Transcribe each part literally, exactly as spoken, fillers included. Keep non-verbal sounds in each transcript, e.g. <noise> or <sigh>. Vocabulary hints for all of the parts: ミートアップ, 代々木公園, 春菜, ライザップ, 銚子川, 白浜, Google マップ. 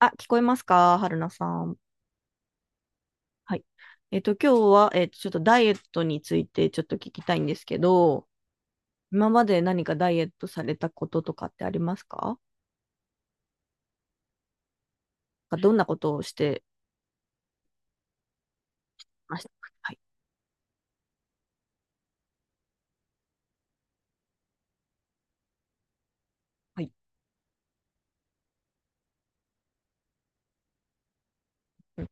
あ、聞こえますか、春菜さん。はい。えっと、今日は、えっと、ちょっとダイエットについてちょっと聞きたいんですけど、今まで何かダイエットされたこととかってありますか？なんかどんなことをしてましたか？はい。はい。うん。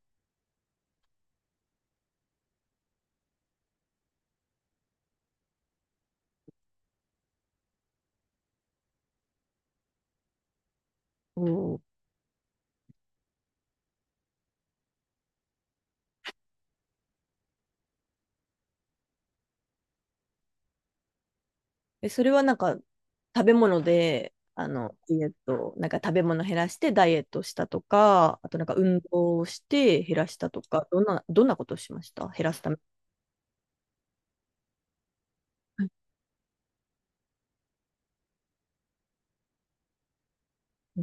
おー。え、それはなんか、食べ物で、あの、ダイエット、なんか食べ物減らしてダイエットしたとか、あとなんか運動をして減らしたとか、どんな、どんなことをしました、減らすため。はい。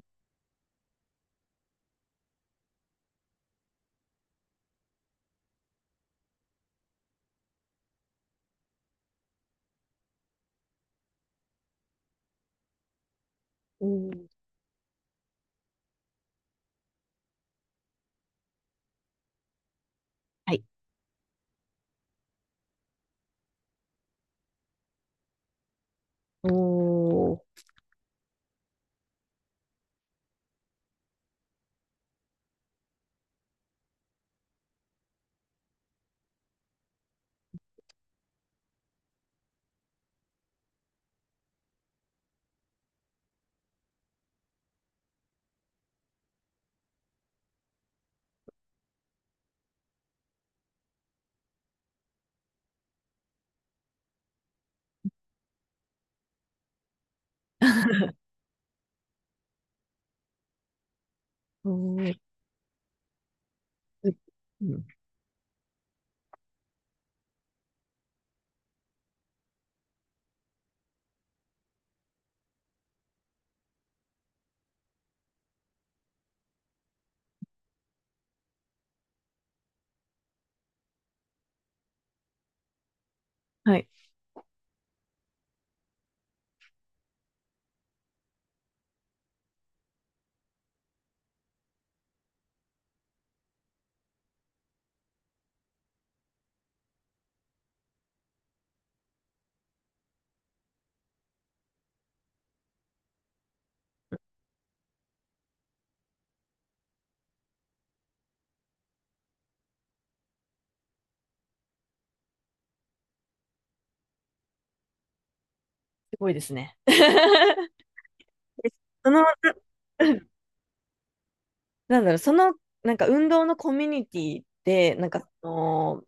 おー。はい。おー。おー。うん。はい。すごいですね。<laughs> その、ななんだろう、その、なんか運動のコミュニティで、なんかその、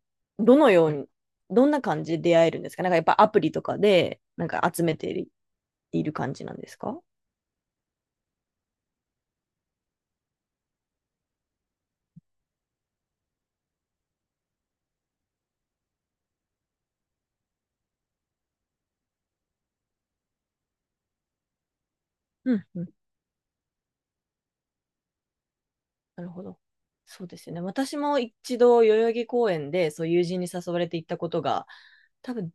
どのように、どんな感じで出会えるんですか？なんかやっぱアプリとかで、なんか集めているいる感じなんですか？うんうん。なるほど。そうですよね。私も一度、代々木公園で、そう、友人に誘われて行ったことが、多分、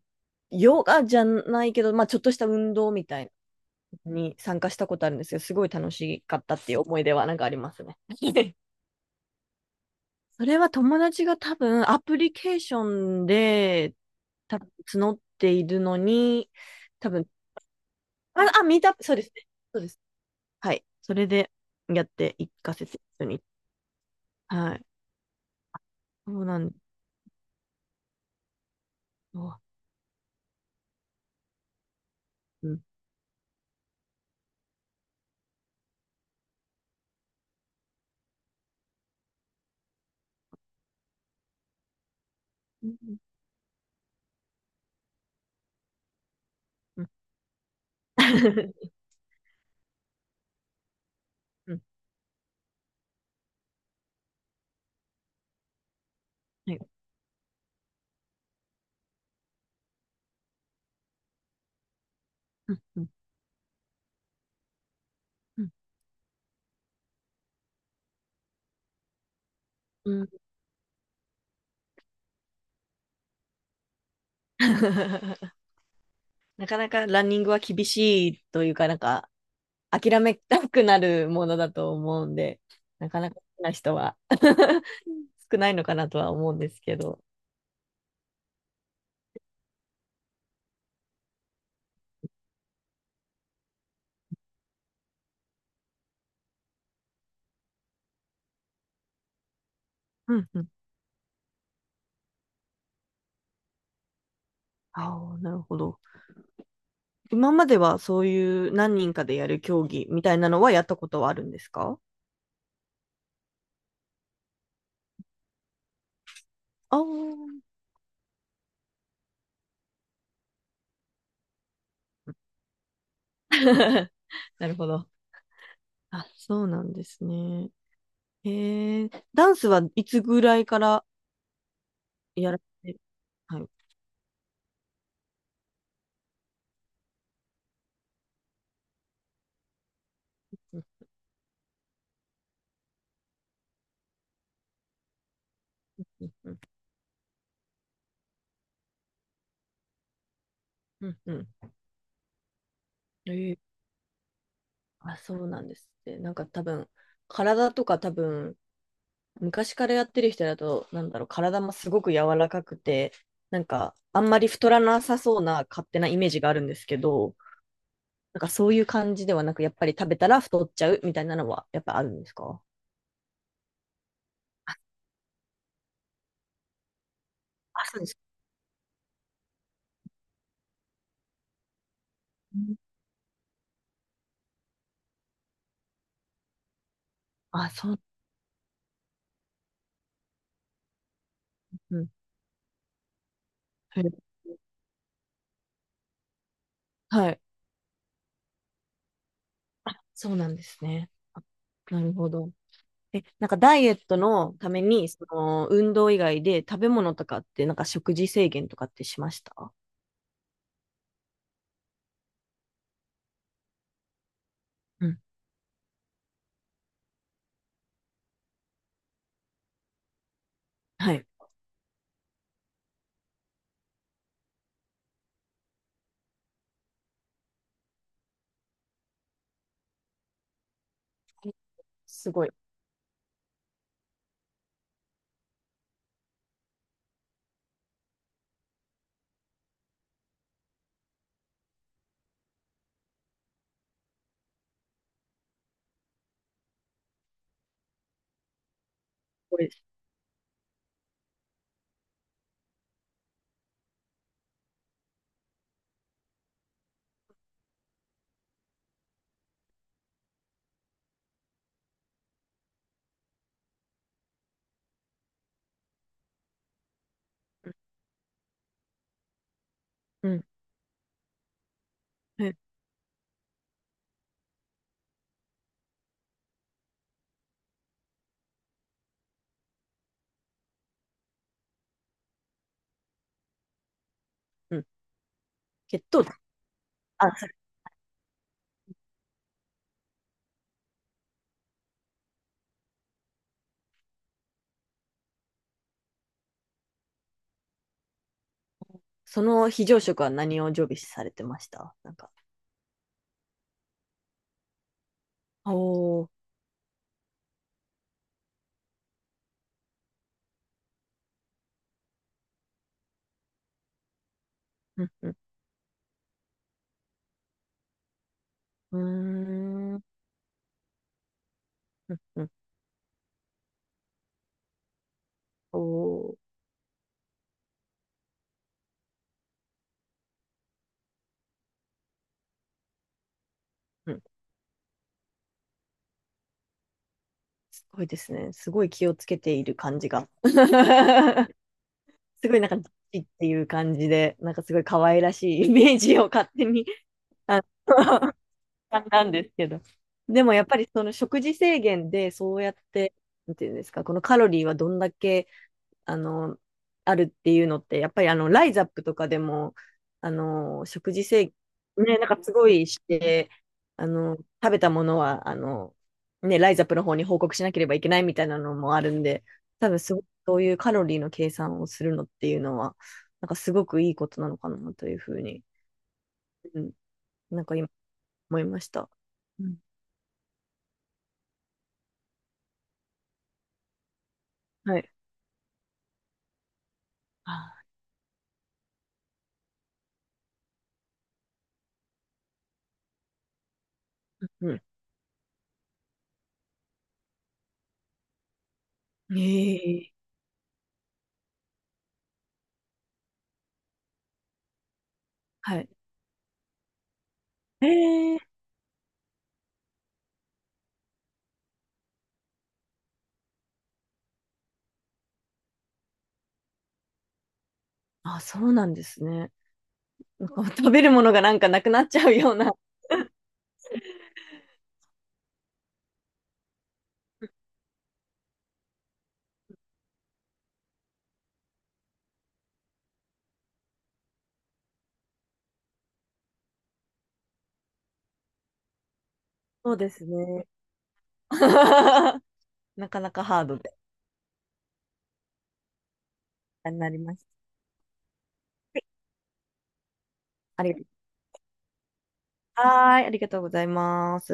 ヨガじゃないけど、まあ、ちょっとした運動みたいに参加したことあるんですけど、すごい楽しかったっていう思い出はなんかありますね。<laughs> それは友達が多分アプリケーションで多分募っているのに、多分、あ、あ、ミートアップ、そうですね。そうです。はい。それでやっていかせて一緒に。はい。そうなんですよ。うん。うんうんうん。 <laughs> うん。はい。うんうんうん。 <laughs> なかなかランニングは厳しいというか、なんか、諦めたくなるものだと思うんで、なかなか好きな人は <laughs> 少ないのかなとは思うんですけど。うんうん。ああ、なるほど。今まではそういう何人かでやる競技みたいなのはやったことはあるんですか？ああー。<laughs> なるほど。あ、そうなんですね。へえ、ダンスはいつぐらいからやられて。はい。うんうん。うんうん。ええ。あ、そうなんですね。なんか多分、体とか多分、昔からやってる人だと、なんだろう、体もすごく柔らかくて、なんか、あんまり太らなさそうな勝手なイメージがあるんですけど、なんかそういう感じではなく、やっぱり食べたら太っちゃうみたいなのは、やっぱあるんですか？あ、あそうです。うん。あ、そう。うん。はい。はい。そうなんですね。あ、なるほど。え、なんかダイエットのために、その運動以外で食べ物とかって、なんか食事制限とかってしました？うん。はい。すごい。これです。うん。はい。うん。血糖値。あ、そその非常食は何を常備されてました、なんか？おー。うんうん。うーん。うんうん。おー。うん。すごいですね。すごい気をつけている感じが。<laughs> すごいなんか、っていう感じで、なんかすごい可愛らしい <laughs> イメージを勝手に、あの <laughs> なんですけど。でもやっぱりその食事制限でそうやって、なんていうんですか、このカロリーはどんだけあの、あるっていうのって、やっぱりあの、ライザップとかでも、あの、食事制限、ね、なんかすごいして、あの、食べたものは、あの、ね、ライザップの方に報告しなければいけないみたいなのもあるんで、多分すごくそういうカロリーの計算をするのっていうのは、なんかすごくいいことなのかなというふうに、うん、なんか今思いました。うん、はい。あー、うん。ええ、はい。ええ、あ、そうなんですね。こう食べるものがなんかなくなっちゃうような。そうですね。<laughs> なかなかハードで、あれになりました。ありがとう。はーい、ありがとうございます。